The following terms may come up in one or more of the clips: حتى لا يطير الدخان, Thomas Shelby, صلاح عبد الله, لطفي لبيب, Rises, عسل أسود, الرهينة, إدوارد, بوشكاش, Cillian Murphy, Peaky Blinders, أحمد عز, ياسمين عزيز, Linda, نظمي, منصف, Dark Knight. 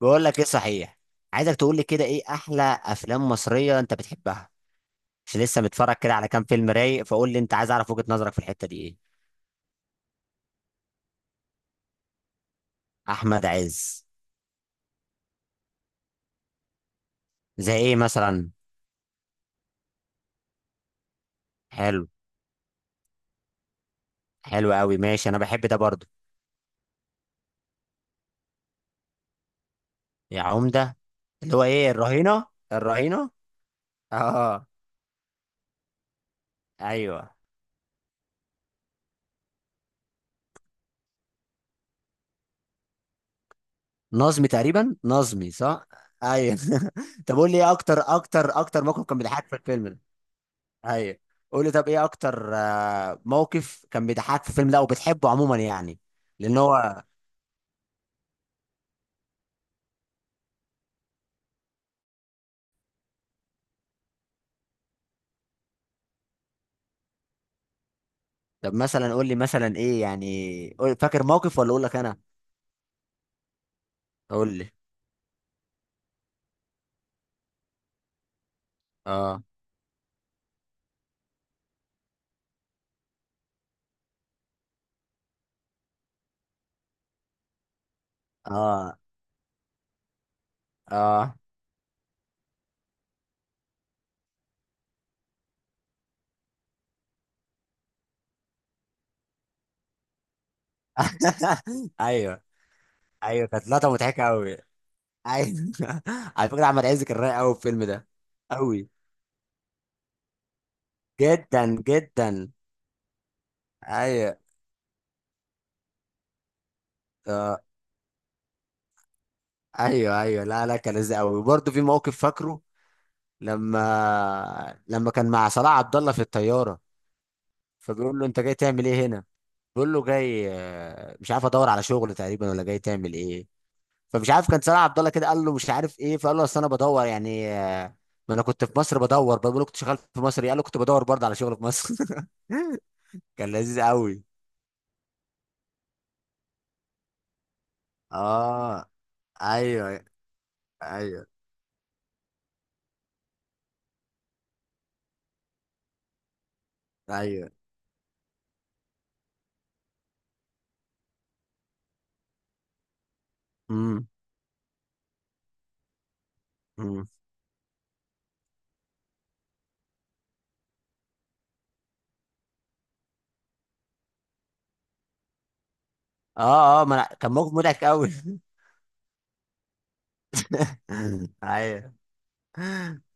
بقول لك ايه صحيح. عايزك تقول لي كده ايه احلى افلام مصريه انت بتحبها؟ مش لسه متفرج كده على كام فيلم رايق، فقول لي انت، عايز اعرف وجهه نظرك في الحته دي ايه. احمد عز. زي ايه مثلا؟ حلو. حلو قوي، ماشي، انا بحب ده برضو. يا عمده، اللي هو ايه، الرهينه. الرهينه. اه. ايوه، نظمي تقريبا، نظمي صح. ايوه طب قول لي ايه اكتر موقف كان بيضحكك في الفيلم ده؟ ايوه. قول لي طب ايه اكتر موقف كان بيضحكك في الفيلم ده، وبتحبه عموما يعني. لان هو. طب مثلا قول لي مثلا ايه يعني، فاكر موقف ولا اقول لك انا؟ قول لي. اه. اه. اه ايوه ايوه، كانت لقطه مضحكه قوي. ايوه على فكره احمد عز كان رايق قوي في الفيلم ده. قوي جدا، جدا. ايوه. آه. ايوه ايوه، لا لا، كان لذيذ قوي، وبرضه في موقف فاكره. لما كان مع صلاح عبد الله في الطياره، فبيقول له انت جاي تعمل ايه هنا؟ بيقول له جاي مش عارف ادور على شغل تقريبا، ولا جاي تعمل ايه. فمش عارف كان صلاح عبد الله كده قال له مش عارف ايه، فقال له اصل انا بدور يعني ما انا كنت في مصر بدور. بقول له كنت شغال في مصر إيه؟ قال له كنت بدور برضه على شغل في مصر كان لذيذ قوي. اه. ايوه. ايوه. ايوه. امم. امم. اه اه ما أنا- كان موقف مضحك قوي. ايوه.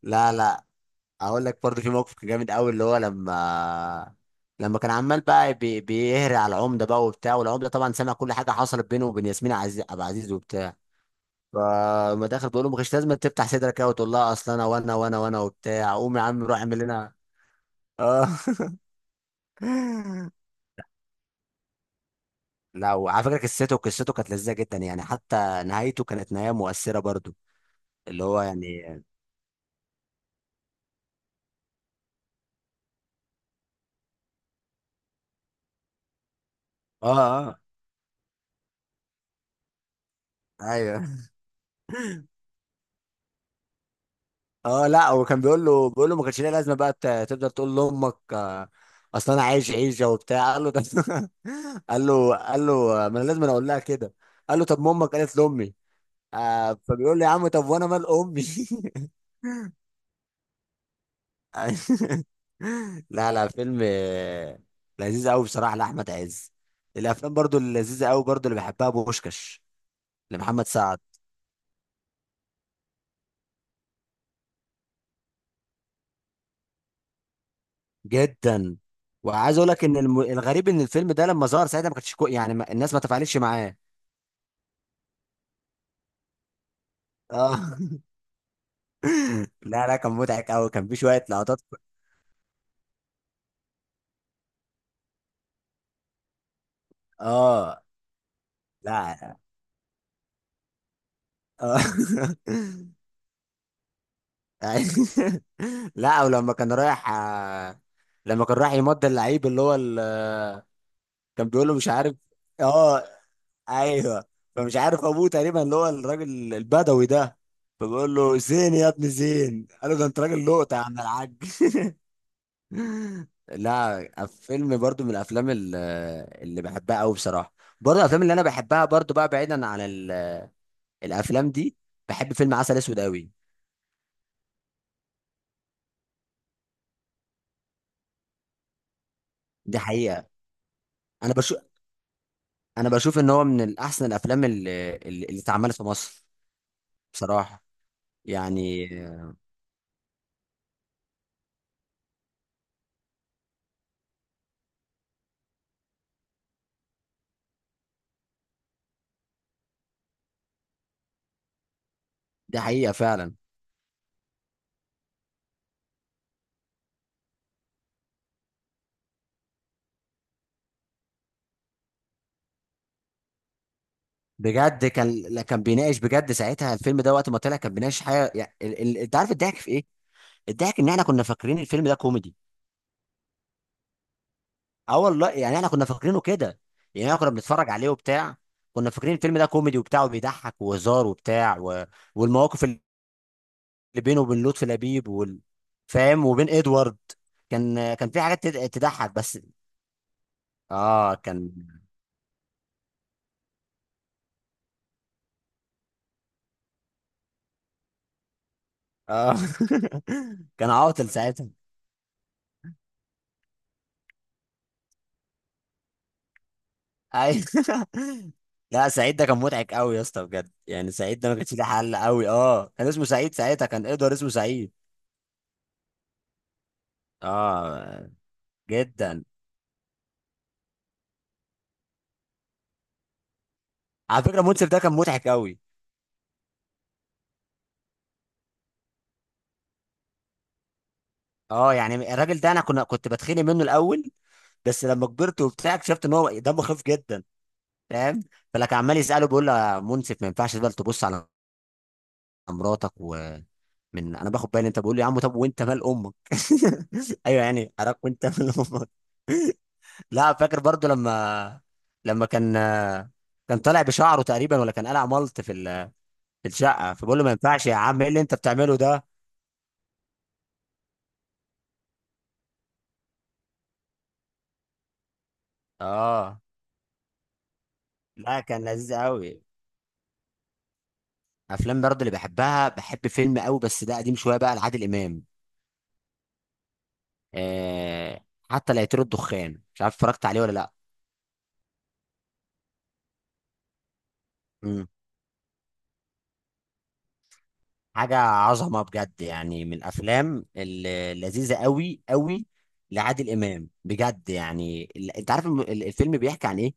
لا لا. اقول لك برضو في موقف كان جامد قوي، اللي هو لما كان عمال بقى بيهري على العمده بقى وبتاع، والعمده طبعا سمع كل حاجه حصلت بينه وبين ياسمين عزيز ابو عزيز وبتاع. فما داخل بيقول له ما كانش لازم تفتح صدرك قوي وتقول لها اصل انا وانا وانا وانا وبتاع، قوم يا عم روح اعمل لنا. اه لا، وعلى فكره قصته كانت لذيذه جدا يعني، حتى نهايته كانت نهايه مؤثره برضو. اللي هو يعني. اه. اه. ايوه. اه. لا هو كان بيقول له ما كانش ليها لازمه بقى تفضل تقول لامك اصل انا عايش عيشه وبتاع قال له ده قال له ما انا لازم أنا اقول لها كده. قال له طب ما امك قالت لامي. آه، فبيقول له يا عم طب وانا مال امي لا لا، فيلم لذيذ قوي بصراحه لاحمد عز. الافلام برضو اللذيذه قوي برضو اللي بحبها بوشكاش، لمحمد سعد. جدا. وعايز اقول لك ان الغريب ان الفيلم ده لما ظهر ساعتها ما كانتش الناس ما تفاعلتش معاه. اه لا لا، كان مضحك قوي، كان في شويه لقطات. اه. لا. اه لا، ولما كان رايح لما كان رايح يمضي اللعيب اللي هو كان بيقول له مش عارف. اه. ايوه. فمش عارف ابوه تقريبا اللي هو الراجل البدوي ده، فبيقول له زين يا ابن زين، قال له ده انت راجل لقطه يا عم الحاج. لا، فيلم برضو من اللي بحبها قوي بصراحه. برضو الافلام اللي انا بحبها برضو بقى بعيدا عن الافلام دي، بحب فيلم عسل اسود قوي. دي حقيقه. انا بشوف انا بشوف ان هو من احسن الافلام اللي اتعملت في مصر بصراحه يعني. دي حقيقه فعلا. بجد كان، لا كان بيناقش بجد ساعتها، الفيلم ده وقت ما طلع كان بيناقش حاجه يعني انت عارف الضحك في ايه؟ الضحك ان احنا كنا فاكرين الفيلم ده كوميدي. اه والله يعني احنا كنا فاكرينه كده يعني، احنا كنا بنتفرج عليه وبتاع، كنا فاكرين الفيلم ده كوميدي وبتاع وبيضحك وهزار وبتاع و... والمواقف اللي بينه وبين لطفي لبيب فاهم، وبين ادوارد، كان في حاجات تضحك بس. اه كان. اه كان عاطل ساعتها. اي لا سعيد ده كان مضحك قوي يا اسطى بجد يعني، سعيد ده ما كانش ليه حل قوي. اه كان اسمه سعيد ساعتها، كان ادوارد اسمه سعيد. اه. جدا. على فكره منصف ده كان مضحك قوي. اه يعني الراجل ده انا كنت بتخانق منه الاول، بس لما كبرت وبتاع اكتشفت ان هو دمه خفيف جدا، فاهم، فلك عمال يساله بيقول له يا منصف ما ينفعش بقى تبص على مراتك ومن، انا باخد بالي انت بقول لي يا عم طب وانت مال امك ايوه يعني حضرتك وانت مال امك. لا فاكر برضو لما، لما كان طالع بشعره تقريبا، ولا كان قلع ملط في في الشقه، فبقول له ما ينفعش يا عم ايه اللي انت بتعمله ده. اه لا كان لذيذ قوي. افلام برضه اللي بحبها، بحب فيلم قوي بس ده قديم شويه بقى لعادل امام، آه، حتى لا يطير الدخان، مش عارف اتفرجت عليه ولا لا. مم. حاجه عظمه بجد يعني، من اللذيذه قوي قوي لعادل امام بجد يعني، انت عارف الفيلم بيحكي عن ايه؟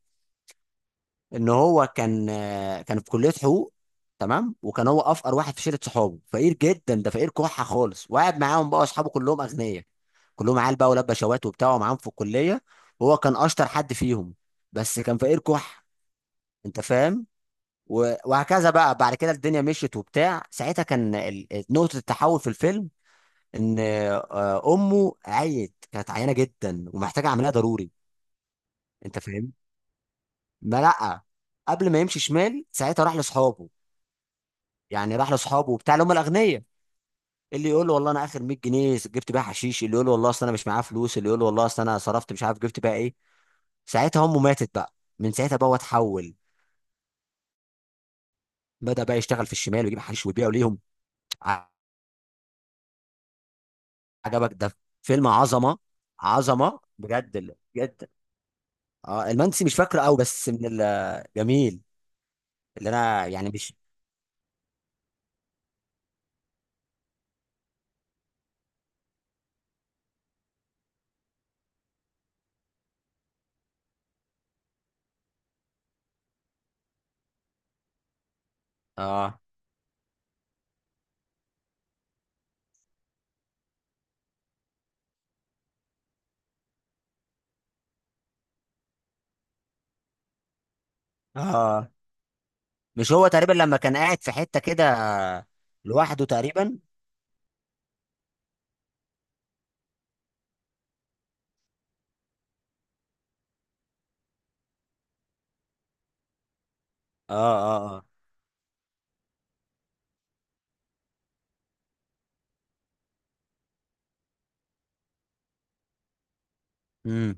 ان هو كان كان في كليه حقوق، تمام، وكان هو افقر واحد في شله صحابه، فقير جدا ده، فقير كحه خالص، وقعد معاهم بقى اصحابه كلهم اغنياء، كلهم عيال بقى، ولاد بشوات وبتاع، ومعاهم في الكليه. وهو كان اشطر حد فيهم بس كان فقير كح، انت فاهم، و- وهكذا بقى بعد كده الدنيا مشيت وبتاع. ساعتها كان نقطه التحول في الفيلم ان امه عيت، كانت عيانه جدا ومحتاجه عمليه ضروري. انت فاهم. ما لا، قبل ما يمشي شمال ساعتها راح لاصحابه يعني، راح لاصحابه وبتاع اللي هم الاغنياء، اللي يقول له والله انا اخر 100 جنيه جبت بيها حشيش، اللي يقول له والله اصل انا مش معايا فلوس، اللي يقول له والله اصل انا صرفت مش عارف جبت بيها ايه. ساعتها امه ماتت بقى، من ساعتها بقى هو اتحول، بدا بقى يشتغل في الشمال ويجيب حشيش ويبيعه ليهم. ع-. عجبك ده؟ فيلم عظمه، عظمه بجد بجد. اه المنسي مش فاكره قوي بس من الجميل، اللي انا يعني مش. اه. اه. مش هو تقريبا لما كان قاعد في حته كده لوحده تقريبا. اه. اه. اه.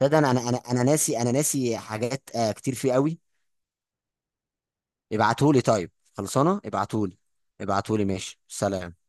ده ده انا انا انا أنا ناسي، انا ناسي حاجات آه كتير فيه قوي. ابعتهولي طيب، خلصانه ابعتهولي. ابعتهولي، ماشي، سلام.